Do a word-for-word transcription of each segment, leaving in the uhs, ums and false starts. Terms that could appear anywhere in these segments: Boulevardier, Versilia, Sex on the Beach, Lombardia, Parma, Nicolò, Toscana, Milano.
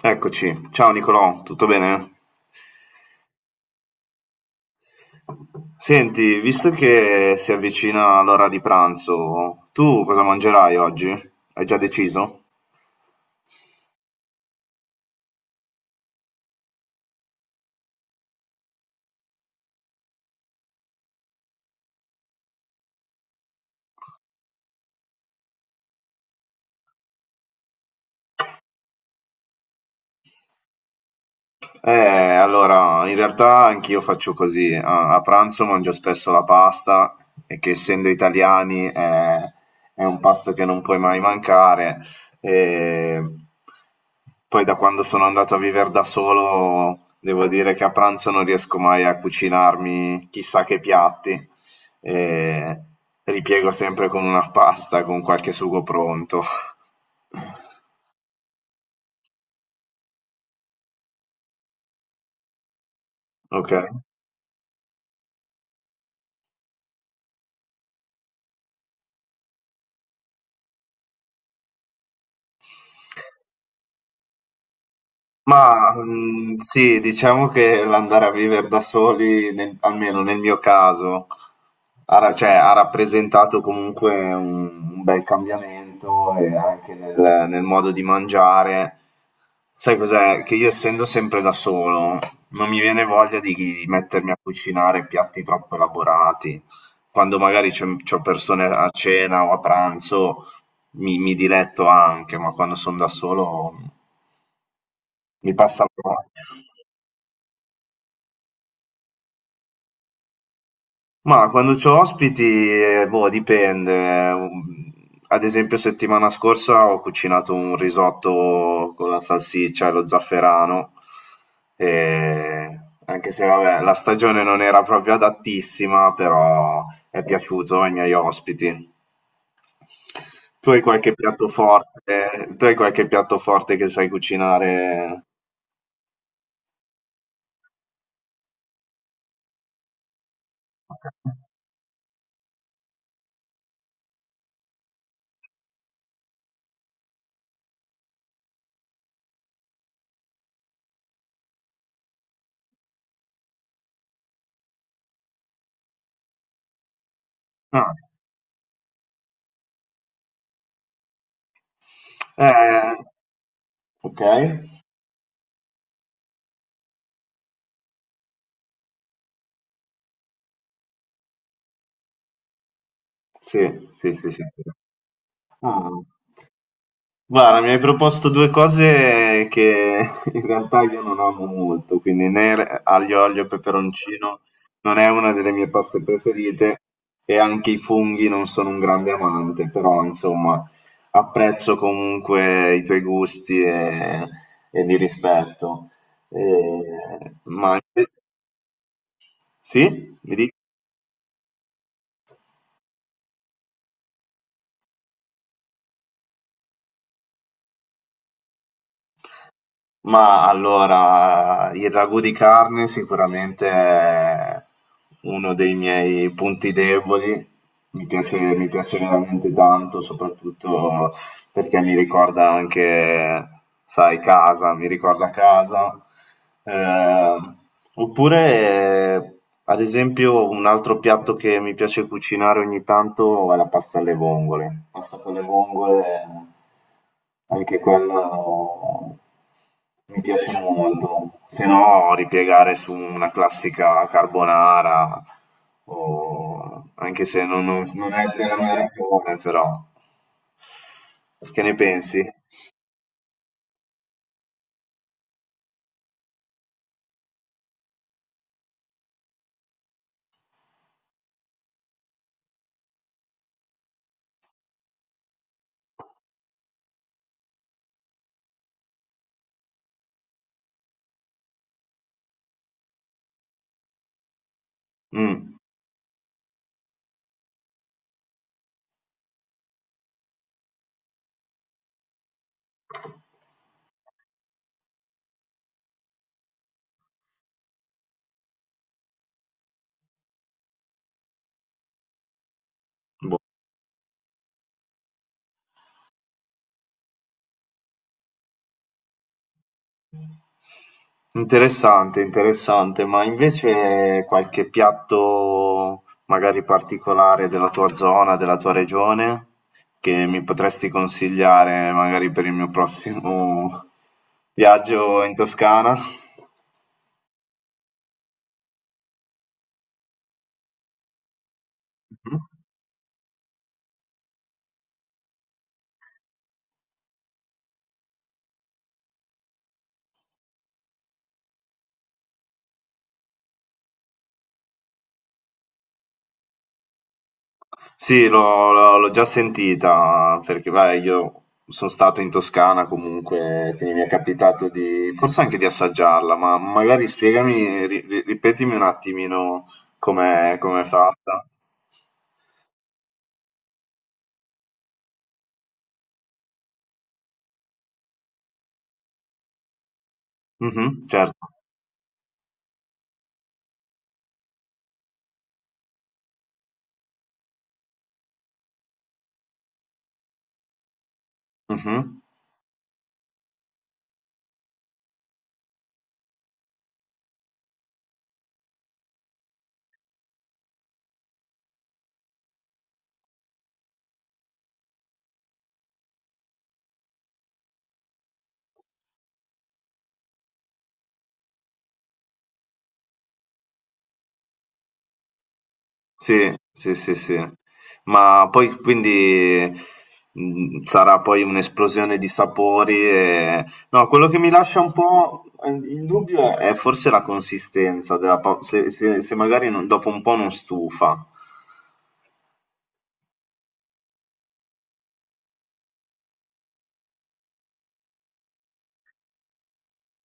Eccoci, ciao Nicolò, tutto bene? Senti, visto che si avvicina l'ora di pranzo, tu cosa mangerai oggi? Hai già deciso? Eh, allora, in realtà anch'io faccio così. A, a pranzo mangio spesso la pasta, e che essendo italiani è, è un pasto che non puoi mai mancare. E poi da quando sono andato a vivere da solo, devo dire che a pranzo non riesco mai a cucinarmi chissà che piatti. E ripiego sempre con una pasta, con qualche sugo pronto. Ok. Ma mhmm, sì, diciamo che l'andare a vivere da soli, nel almeno nel mio caso, ha ra cioè ha rappresentato comunque un un bel cambiamento e anche nel nel modo di mangiare. Sai cos'è? Che io, essendo sempre da solo, non mi viene voglia di di mettermi a cucinare piatti troppo elaborati. Quando magari c'ho c'ho persone a cena o a pranzo mi mi diletto anche, ma quando son da solo mi passa la voglia. Ma quando c'ho ospiti, eh, boh, dipende. Um, Ad esempio, settimana scorsa ho cucinato un risotto con la salsiccia e lo zafferano, e anche se vabbè, la stagione non era proprio adattissima, però è piaciuto ai miei ospiti. Tu hai qualche piatto forte? Tu hai qualche piatto forte che sai cucinare? Ok. Ah. Eh, ok. Sì, sì, sì, sì. Ah. Guarda, mi hai proposto due cose che in realtà io non amo molto, quindi né l aglio, olio e peperoncino non è una delle mie paste preferite, e anche i funghi non sono un grande amante, però insomma apprezzo comunque i tuoi gusti e, e li rispetto. E- ma sì? Mi dici? Ma allora, il ragù di carne sicuramente è uno dei miei punti deboli, mi piace, mi piace veramente tanto, soprattutto perché mi ricorda anche, sai, casa, mi ricorda casa. Eh, oppure, eh, ad esempio, un altro piatto che mi piace cucinare ogni tanto è la pasta alle vongole. Pasta con le vongole, anche quella mi piace molto. Se no, ripiegare su una classica carbonara, o- anche se non, non- non è della mia regione, però. Che ne pensi? Mh, boh. Interessante, interessante, ma invece qualche piatto magari particolare della tua zona, della tua regione, che mi potresti consigliare magari per il mio prossimo viaggio in Toscana? Mh-mh. Sì, l'ho l'ho- l'ho già sentita, perché vai, io sono stato in Toscana comunque, quindi mi è capitato di, forse anche di assaggiarla, ma magari spiegami, ri- ri- ripetimi un attimino com'è com'è fatta. Mhm, certo. Mhm. Sì, sì, sì, sì. Ma poi quindi mh, sarà poi un'esplosione di sapori e... No, quello che mi lascia un po' in dubbio è forse la consistenza della pa- se, se- se magari non- dopo un po' non stufa.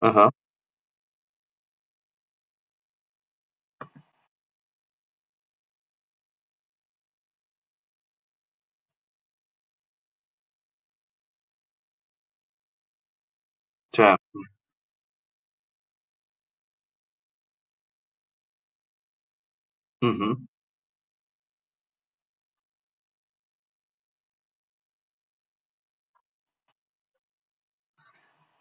Ah. Certo. Mhm.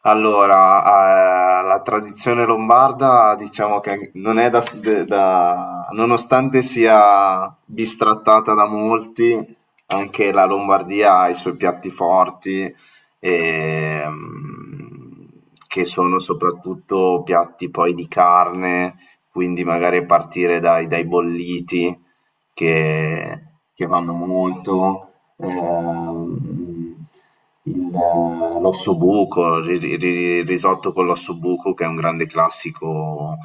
Allora, eh, la tradizione lombarda diciamo che non è da, s- de- da- nonostante sia bistrattata da molti, anche la Lombardia ha i suoi piatti forti, ehm, che sono soprattutto piatti poi di carne, quindi magari partire dai, dai bolliti che, che vanno molto, ehm, il- l'ossobuco, il ri- ri- risotto con l'ossobuco, che è un grande classico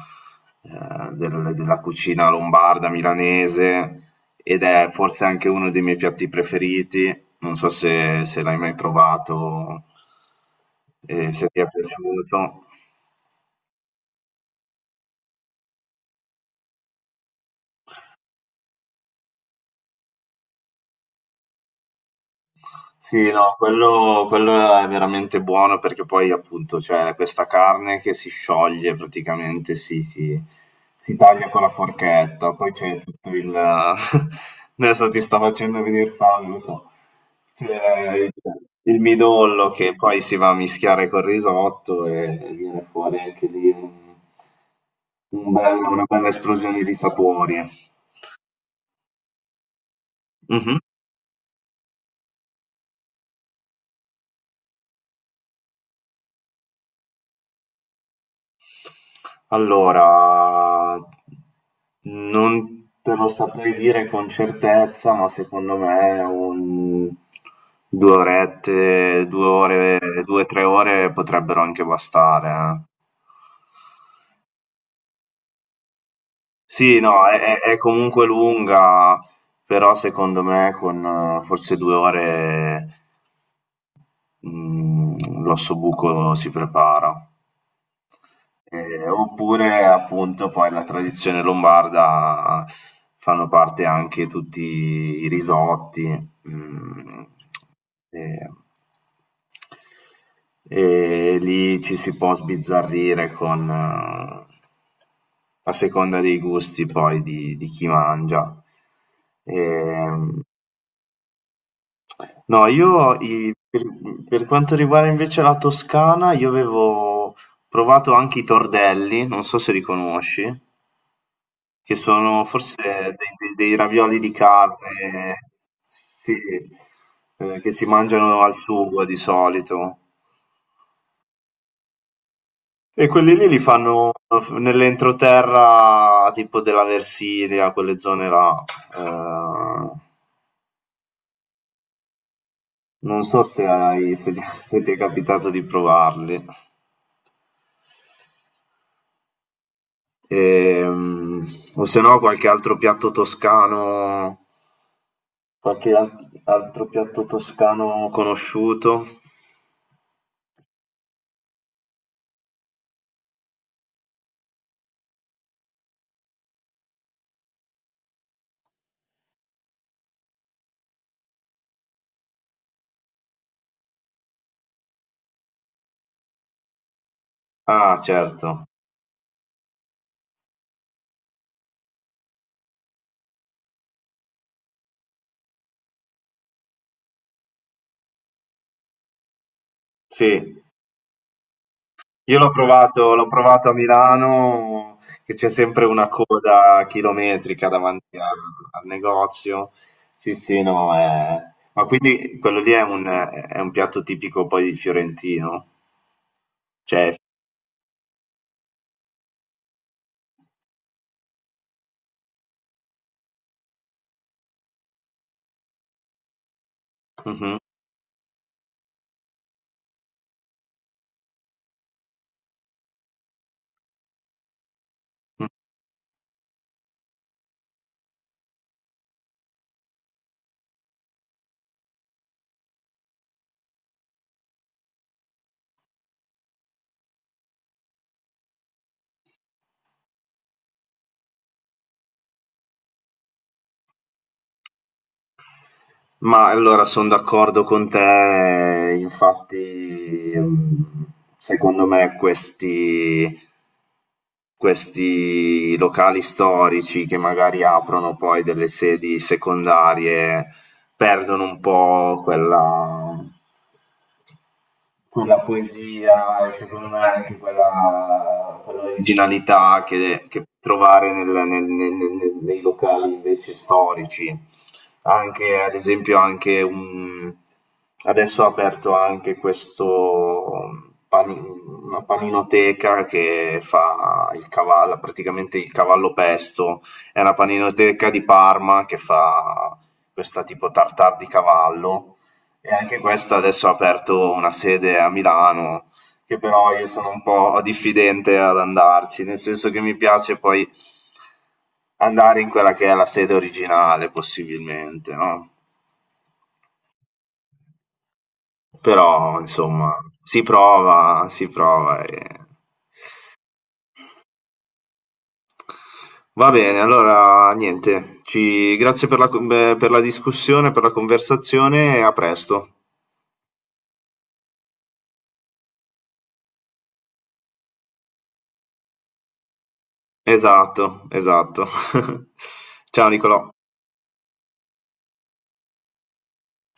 eh, del- della cucina lombarda, milanese, ed è forse anche uno dei miei piatti preferiti. Non so se, se l'hai mai provato e se ti è piaciuto. Sì, no, quello quello è veramente buono perché poi appunto c'è questa carne che si scioglie praticamente, si si si taglia con la forchetta, poi c'è tutto il adesso ti sta facendo venire fame, lo so. C'è il il midollo che poi si va a mischiare col risotto e viene fuori anche lì un un bel una bella esplosione di sapori. Mh-mh. Allora, non te lo saprei dire con certezza, ma secondo me un due orette, due ore, due a tre ore potrebbero anche bastare, eh. Sì, no, è è- è comunque lunga, però secondo me con eh, forse due ore mm, l'ossobuco si prepara. Ehm, oppure appunto poi la tradizione lombarda fanno parte anche tutti i risotti, mhmm, ehm, e lì ci si può sbizzarrire con eh, a seconda dei gusti poi di di chi mangia. Ehm. No, io i per per quanto riguarda invece la Toscana, io avevo provato anche i tordelli, non so se li conosci, che sono forse dei dei dei ravioli di carne, sì, ehm, che si mangiano al sugo di solito. E quelli lì li fanno f nell'entroterra tipo della Versilia, quelle zone là. Ehm, non so se hai se ti se ti è capitato di provarli. Ehm, o se no qualche altro piatto toscano, qualche al- altro piatto toscano conosciuto. Ah, certo. Sì, io l'ho provato, l'ho provato a Milano, che c'è sempre una coda chilometrica davanti a- al negozio. Sì, sì, no, è- ma quindi quello lì è un, è un piatto tipico poi fiorentino. Cioè, mhm. Ma allora sono d'accordo con te, infatti mh, secondo me questi, questi locali storici che magari aprono poi delle sedi secondarie perdono un po' quella, quella poesia, e secondo me anche quella, quella originalità che, che trovare nel- nel- nel- nel- nei locali invece storici. Anche, ad esempio, anche un... adesso ho aperto anche questo pani- una paninoteca che fa il cavallo, praticamente il cavallo pesto. È una paninoteca di Parma che fa questa tipo tartar di cavallo, e anche questa adesso ha aperto una sede a Milano, che però io sono un po' diffidente ad andarci, nel senso che mi piace poi andare in quella che è la sede originale, possibilmente, no? Però, insomma, si prova, si prova e... Va bene, allora niente, ci... grazie per la, con- beh, per la discussione, per la conversazione, e a presto. Esatto, esatto. Ciao Nicolò.